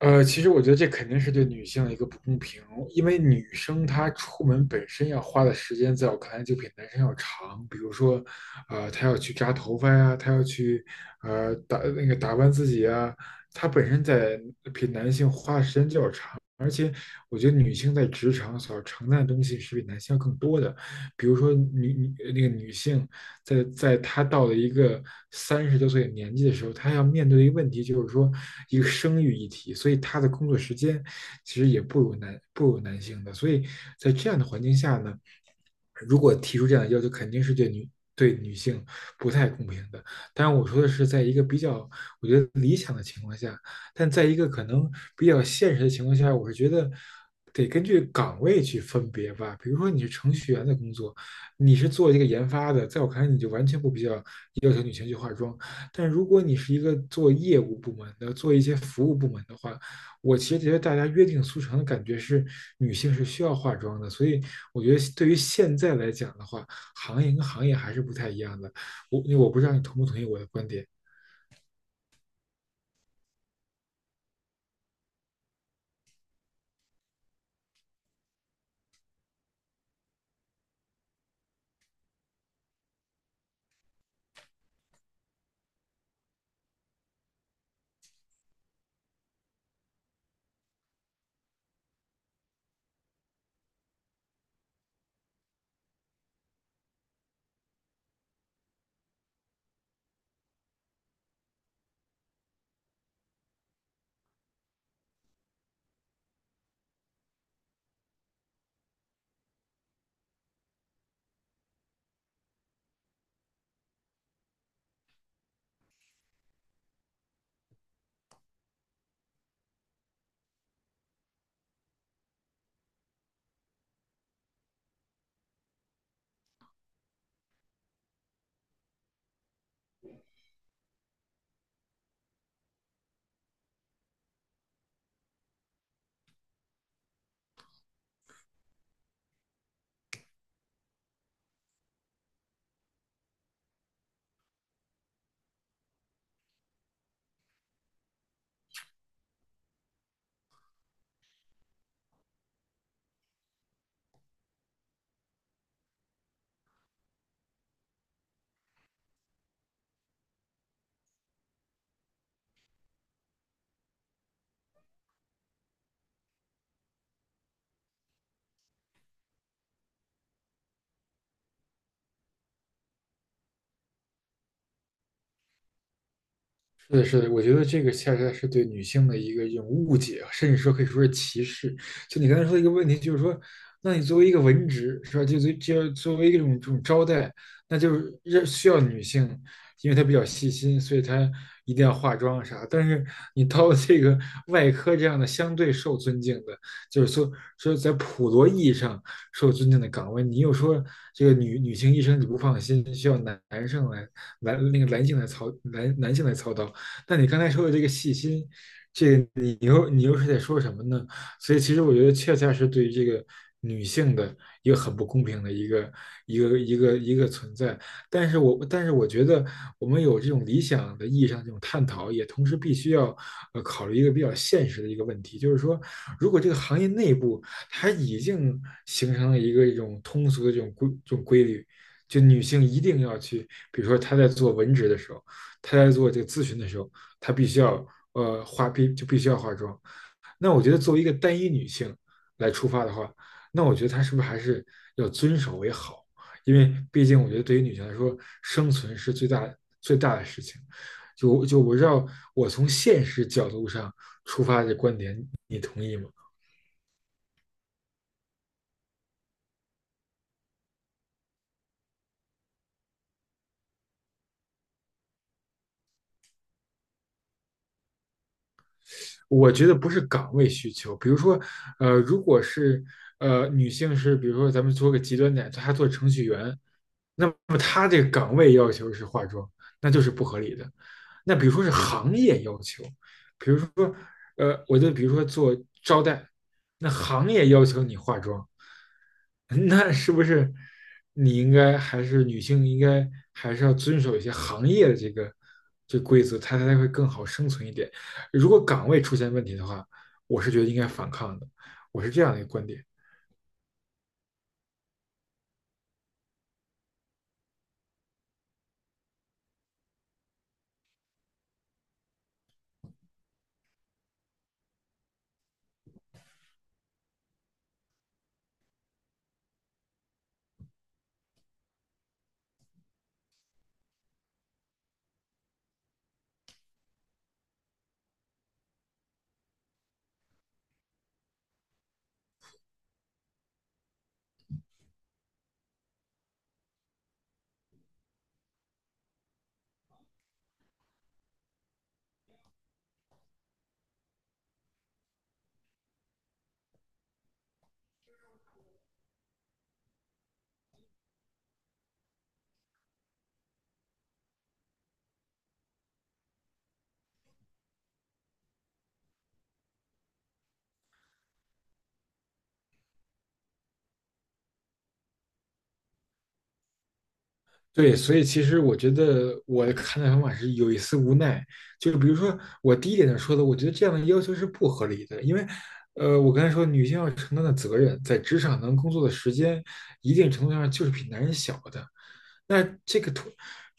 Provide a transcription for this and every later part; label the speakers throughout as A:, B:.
A: 其实我觉得这肯定是对女性的一个不公平，因为女生她出门本身要花的时间，在我看来就比男生要长。比如说，她要去扎头发呀，她要去呃打那个打扮自己啊，她本身在比男性花的时间就要长。而且，我觉得女性在职场所要承担的东西是比男性要更多的，比如说女女呃那个女性。在他到了一个三十多岁的年纪的时候，他要面对的一个问题就是说一个生育议题，所以他的工作时间其实也不如男性的，所以在这样的环境下呢，如果提出这样的要求，肯定是对女性不太公平的。当然，我说的是在一个比较我觉得理想的情况下，但在一个可能比较现实的情况下，我是觉得。得根据岗位去分别吧，比如说你是程序员的工作，你是做这个研发的，在我看来，你就完全不必要要求女性去化妆。但如果你是一个做业务部门的，做一些服务部门的话，我其实觉得大家约定俗成的感觉是女性是需要化妆的。所以我觉得对于现在来讲的话，行业跟行业还是不太一样的。我不知道你同不同意我的观点。是的，是的，我觉得这个恰恰是对女性的一个一种误解啊，甚至说可以说是歧视。就你刚才说的一个问题，就是说，那你作为一个文职，是吧？就作为一种这种招待，那就是让需要女性，因为她比较细心，所以她一定要化妆啥。但是你到了这个 外科这样的相对受尊敬的，就是说说在普罗意义上受尊敬的岗位，你又说这个女性医生你不放心，需要男男生来男那个男性来操男男性来操刀。那你刚才说的这个细心，这个你又是在说什么呢？所以其实我觉得恰恰是对于这个女性的一个很不公平的一个存在。但是我觉得我们有这种理想的意义上这种探讨，也同时必须要考虑一个比较现实的一个问题，就是说，如果这个行业内部它已经形成了一个一种通俗的这种规律。就女性一定要去，比如说她在做文职的时候，她在做这个咨询的时候，她必须要呃化必就必须要化妆。那我觉得作为一个单一女性来出发的话，那我觉得她是不是还是要遵守为好？因为毕竟我觉得对于女性来说，生存是最大的事情。就我知道，我从现实角度上出发的观点，你同意吗？我觉得不是岗位需求，比如说，如果是女性是，比如说咱们做个极端点，她做程序员，那么他这个岗位要求是化妆，那就是不合理的。那比如说是行业要求，比如说，我就比如说做招待，那行业要求你化妆，那是不是你应该还是女性应该还是要遵守一些行业的这规则，它才会更好生存一点。如果岗位出现问题的话，我是觉得应该反抗的，我是这样的一个观点。对，所以其实我觉得我的看待方法是有一丝无奈，就是比如说我第一点就说的，我觉得这样的要求是不合理的，因为，我刚才说女性要承担的责任，在职场能工作的时间，一定程度上就是比男人小的。那这个图，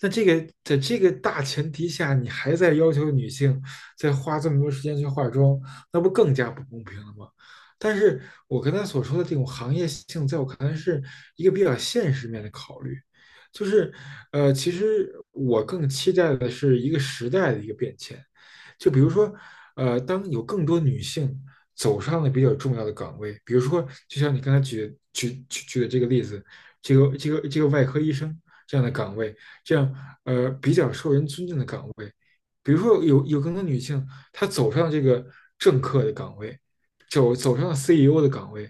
A: 那在这个大前提下，你还在要求女性再花这么多时间去化妆，那不更加不公平了吗？但是我刚才所说的这种行业性，在我看来是一个比较现实面的考虑。就是，其实我更期待的是一个时代的一个变迁，就比如说，当有更多女性走上了比较重要的岗位，比如说，就像你刚才举的这个例子，这个外科医生这样的岗位，这样比较受人尊敬的岗位，比如说有更多女性她走上这个政客的岗位，走上了 CEO 的岗位，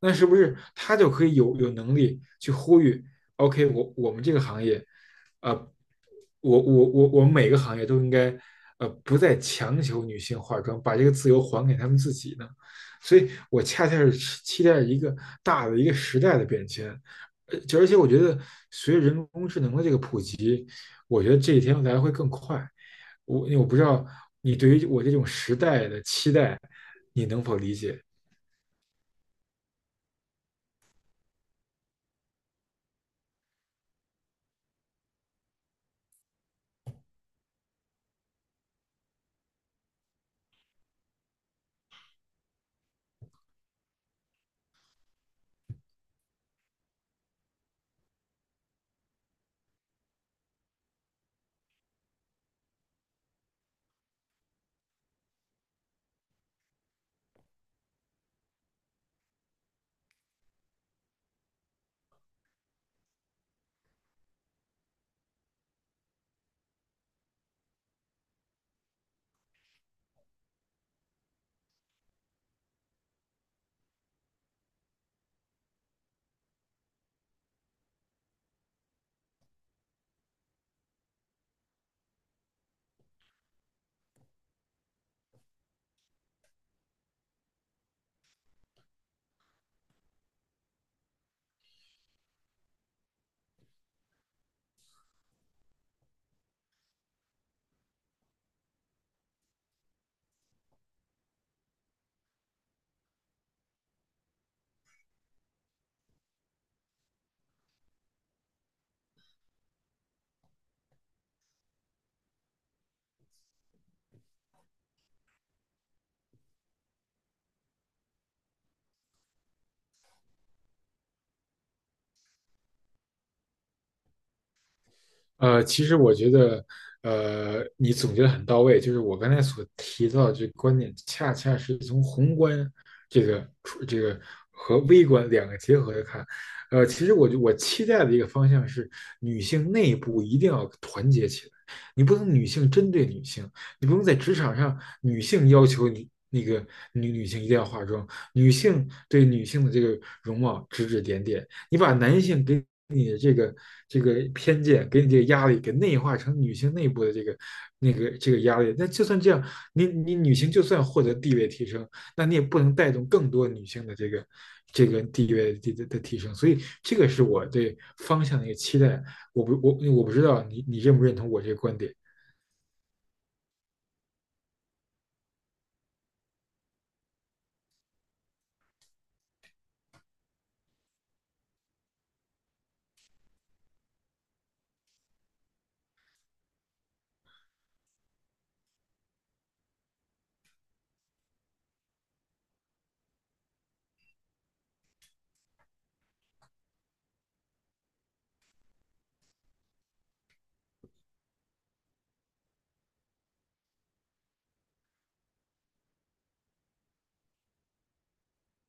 A: 那是不是她就可以有能力去呼吁？OK，我们这个行业，呃，我们每个行业都应该，不再强求女性化妆，把这个自由还给她们自己呢。所以我恰恰是期待一个大的一个时代的变迁，而且我觉得随着人工智能的这个普及，我觉得这一天来会更快。我不知道你对于我这种时代的期待，你能否理解？其实我觉得，你总结的很到位。就是我刚才所提到的这个观点，恰恰是从宏观这个出这个和微观两个结合着看。其实我期待的一个方向是，女性内部一定要团结起来。你不能女性针对女性，你不能在职场上女性要求你女性一定要化妆，女性对女性的这个容貌指指点点。你把男性给你的这个偏见，给你这个压力，给内化成女性内部的这个压力。那就算这样，你女性就算获得地位提升，那你也不能带动更多女性的这个地位的提升。所以这个是我对方向的一个期待。我不知道你认不认同我这个观点。